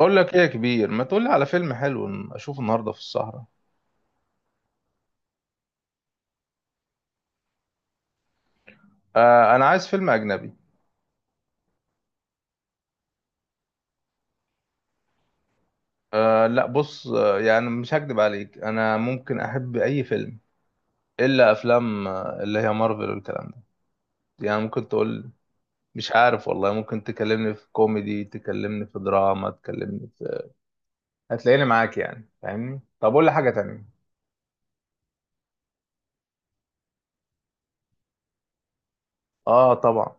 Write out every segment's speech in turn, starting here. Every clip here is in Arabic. اقول لك ايه يا كبير؟ ما تقول لي على فيلم حلو اشوفه النهارده في السهرة. آه، انا عايز فيلم اجنبي. آه لا بص، يعني مش هكدب عليك، انا ممكن احب اي فيلم الا افلام اللي هي مارفل والكلام ده. يعني ممكن تقول. مش عارف والله، ممكن تكلمني في كوميدي، تكلمني في دراما، تكلمني في... هتلاقيني معاك يعني، فاهمني؟ طب قول لي حاجة تانية. اه طبعا.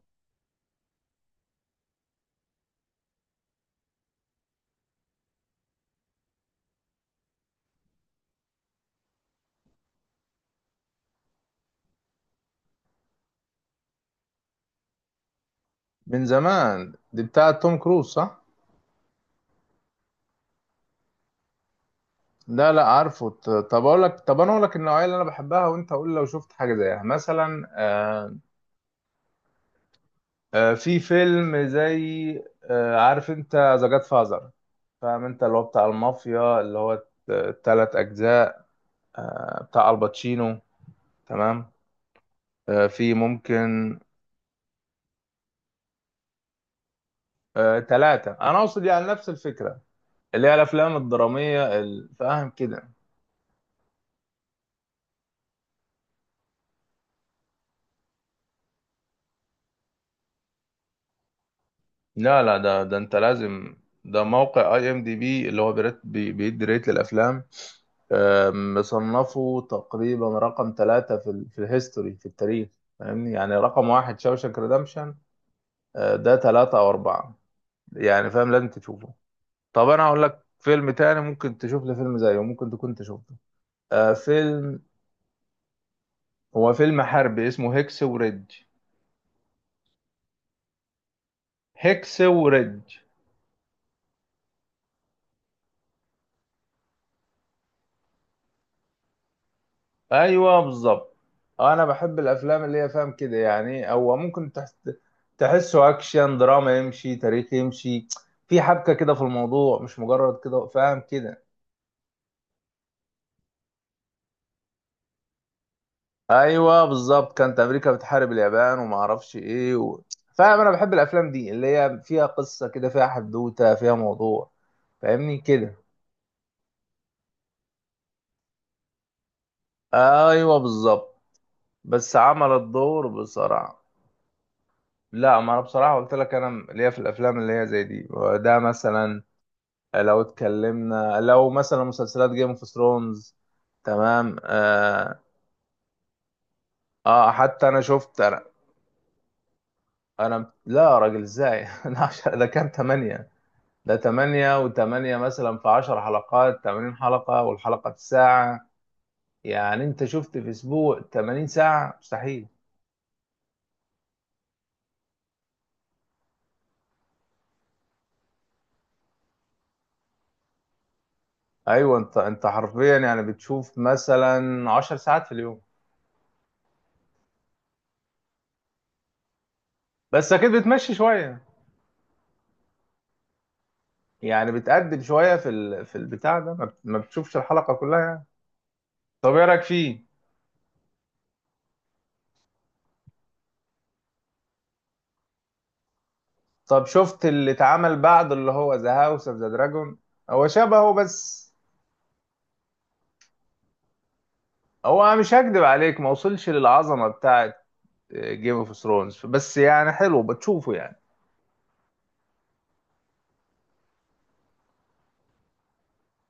من زمان دي بتاعة توم كروز، صح؟ لا لا عارفه. طب اقول لك، طب انا اقول لك النوعيه اللي انا بحبها، وانت قول لو شفت حاجه زيها. مثلا في فيلم زي عارف انت ذا جاد فازر؟ فاهم؟ انت اللي هو بتاع المافيا، اللي هو ال3 اجزاء بتاع الباتشينو. تمام؟ في ممكن ثلاثه، انا اقصد يعني نفس الفكره، اللي هي الافلام الدراميه فاهم كده؟ لا لا، ده انت لازم... ده موقع اي ام دي بي اللي هو بيدي ريت للافلام. مصنفه تقريبا رقم 3 في ال في الهيستوري، في التاريخ. فاهمني؟ يعني رقم 1 شاوشانك ريدمشن، ده 3 أو 4. يعني فاهم؟ لازم تشوفه. طب أنا هقول لك فيلم تاني ممكن تشوف لي فيلم زيه، ممكن تكون شفته. آه، فيلم، هو فيلم حربي اسمه هيكس وريدج. هيكس وريدج. ايوه بالظبط. انا بحب الافلام اللي هي فاهم كده، يعني هو ممكن تحس تحسه اكشن، دراما يمشي، تاريخ يمشي، في حبكه كده في الموضوع، مش مجرد كده، فاهم كده؟ ايوه بالظبط، كانت امريكا بتحارب اليابان وما اعرفش ايه و... فاهم، انا بحب الافلام دي اللي هي فيها قصه كده، فيها حدوته، فيها موضوع، فاهمني كده؟ ايوه بالظبط، بس عمل الدور بصراحه. لا، ما انا بصراحه قلت لك، انا ليا في الافلام اللي هي زي دي. ده مثلا، لو اتكلمنا لو مثلا مسلسلات جيم اوف ثرونز. تمام. آه. اه حتى انا شفت انا. أنا لا يا راجل، ازاي؟ انا عشر، ده كان 8. ده 8 و8، مثلا في 10 حلقات، 80 حلقة، والحلقة في ساعة. يعني انت شفت في اسبوع 80 ساعة؟ مستحيل. ايوه، انت حرفيا يعني بتشوف مثلا 10 ساعات في اليوم. بس اكيد بتمشي شوية. يعني بتقدم شوية في ال... في البتاع ده، ما بتشوفش الحلقة كلها يعني. طب ايه رايك فيه؟ طب شفت اللي اتعمل بعد، اللي هو ذا هاوس اوف ذا دراجون؟ هو شبهه بس. هو مش هكدب عليك، ما وصلش للعظمه بتاعت جيم اوف ثرونز، بس يعني حلو، بتشوفه يعني.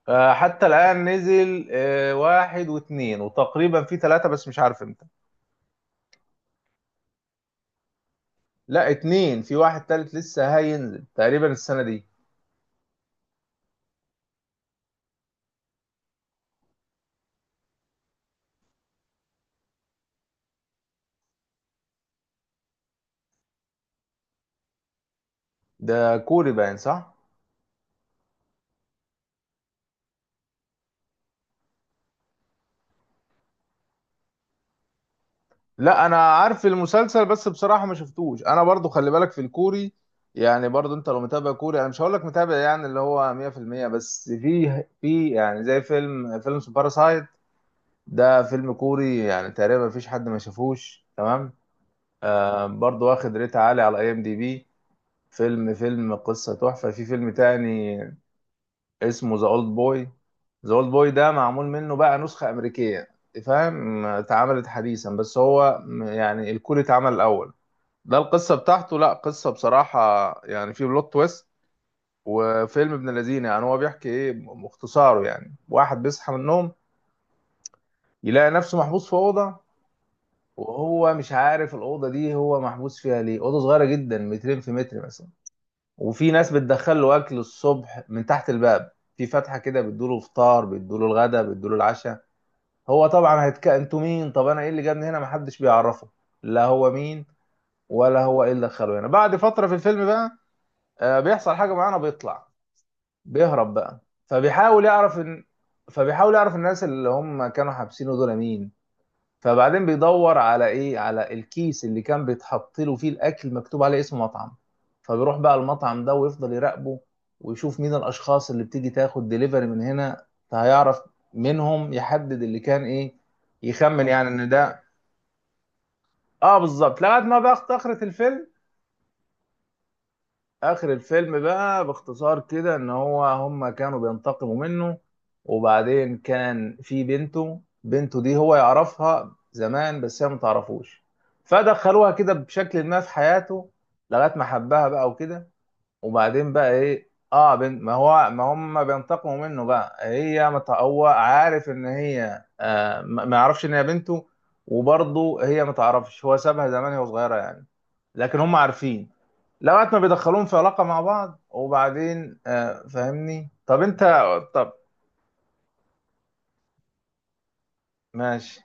آه، حتى الان نزل آه، 1 و2، وتقريبا في 3 بس مش عارف امتى. لا، اتنين، في واحد تالت لسه هينزل تقريبا السنه دي. ده كوري باين، صح؟ لا انا عارف المسلسل بس بصراحه ما شفتوش، انا برضو خلي بالك في الكوري. يعني برضو انت لو متابع كوري، انا مش هقول لك متابع يعني اللي هو 100%. بس في يعني زي فيلم باراسايت، ده فيلم كوري يعني تقريبا مفيش حد ما شافوش، تمام؟ آه، برضو واخد ريت عالي على اي ام دي بي. فيلم قصه تحفه. في فيلم تاني اسمه ذا اولد بوي. ذا اولد بوي ده معمول منه بقى نسخه امريكيه، فاهم؟ اتعملت حديثا، بس هو يعني الكوري اتعمل الاول. ده القصة بتاعته، لا قصة بصراحة، يعني في بلوت تويست. وفيلم ابن الذين، يعني هو بيحكي ايه مختصاره؟ يعني واحد بيصحى من النوم، يلاقي نفسه محبوس في أوضة، وهو مش عارف الأوضة دي هو محبوس فيها ليه. أوضة صغيرة جدا، 2 م في 1 م مثلا. وفي ناس بتدخل له أكل الصبح من تحت الباب، في فتحة كده، بتدوله فطار، بتدوله الغدا، بتدوله العشاء. هو طبعا هيتك انتوا مين، طب انا ايه اللي جابني هنا، محدش بيعرفه، لا هو مين ولا هو ايه اللي دخله هنا. بعد فترة في الفيلم بقى آه، بيحصل حاجة معينة، بيطلع، بيهرب بقى. فبيحاول يعرف ان... فبيحاول يعرف الناس اللي هم كانوا حابسينه دول مين. فبعدين بيدور على ايه، على الكيس اللي كان بيتحط له فيه الاكل، مكتوب عليه اسم مطعم. فبيروح بقى المطعم ده ويفضل يراقبه، ويشوف مين الاشخاص اللي بتيجي تاخد ديليفري من هنا، فهيعرف منهم، يحدد اللي كان ايه، يخمن يعني اه ان ده... اه بالظبط لغايه ما بقى اخرة الفيلم. اخر الفيلم بقى باختصار كده، ان هو هما كانوا بينتقموا منه. وبعدين كان في بنته، بنته دي هو يعرفها زمان بس هي ما تعرفوش. فدخلوها كده بشكل ما في حياته، لغايه ما حبها بقى وكده. وبعدين بقى ايه، اه بنت، ما هو، ما هم بينتقموا منه بقى، هي ما تع- هو عارف ان هي آه ما يعرفش ان هي بنته. وبرضه هي ما تعرفش، هو سابها زمان وهي صغيره يعني، لكن هم عارفين. لغايه ما بيدخلوهم في علاقه مع بعض، وبعدين آه فاهمني؟ طب انت... طب ماشي.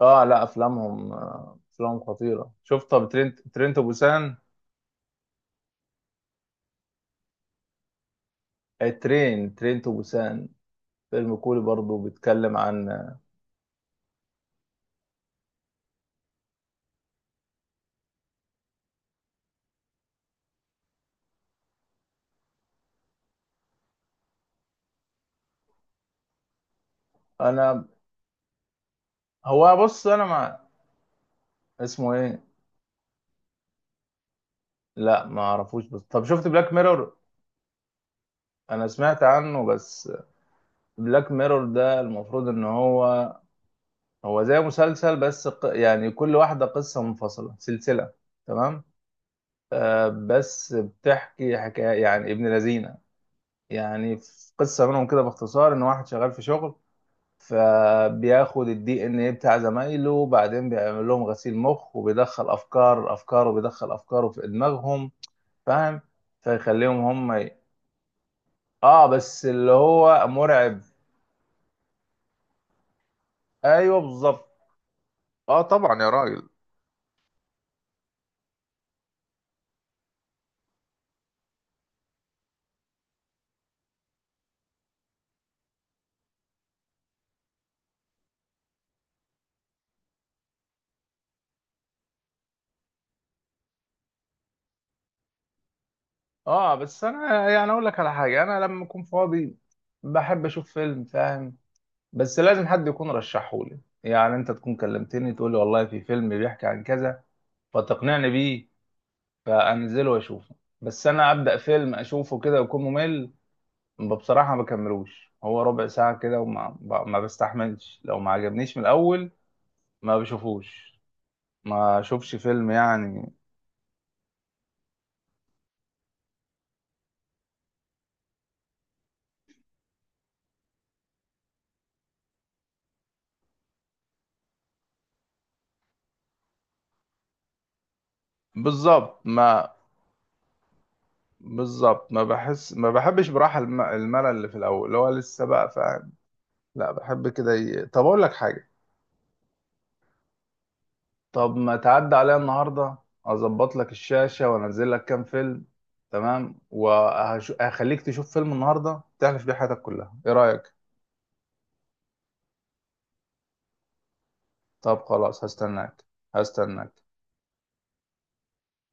اه لا افلامهم آه افلامهم خطيره. شفت طب ترينت، بوسان؟ الترين، ترينت بوسان، فيلم كوري برضو، بيتكلم عن آه... انا، هو بص انا مع... اسمه ايه؟ لا ما اعرفوش. بس طب شفت بلاك ميرور؟ انا سمعت عنه بس. بلاك ميرور ده المفروض ان هو، هو زي مسلسل بس يعني كل واحدة قصة منفصلة، سلسلة، تمام؟ آه، بس بتحكي حكاية يعني ابن لذينة. يعني في قصة منهم كده باختصار، ان واحد شغال في شغل، فبياخد الدي ان ايه بتاع زمايله، وبعدين بيعمل لهم غسيل مخ، وبيدخل افكار، افكاره، بيدخل افكاره في دماغهم، فاهم؟ فيخليهم هم اه بس اللي هو مرعب. ايوه بالظبط. اه طبعا يا راجل. اه بس انا يعني اقول لك على حاجة، انا لما اكون فاضي بحب اشوف فيلم، فاهم؟ بس لازم حد يكون رشحه لي، يعني انت تكون كلمتني تقول لي والله في فيلم بيحكي عن كذا، فتقنعني بيه، فانزله واشوفه. بس انا ابدا فيلم اشوفه كده ويكون ممل، بصراحه ما بكملوش، هو ربع ساعه كده ما بستحملش لو ما عجبنيش من الاول. ما بشوفوش، ما اشوفش فيلم يعني. بالظبط، ما بحس، ما بحبش براحه الملل اللي في الاول، اللي هو لسه بقى، فاهم؟ لا بحب كده ي... طب اقول لك حاجه، طب ما تعدي عليا النهارده، اظبط لك الشاشه وانزل لك كام فيلم، تمام؟ وهخليك تشوف فيلم النهارده تحلف بيه حياتك كلها، ايه رايك؟ طب خلاص هستناك. هستناك.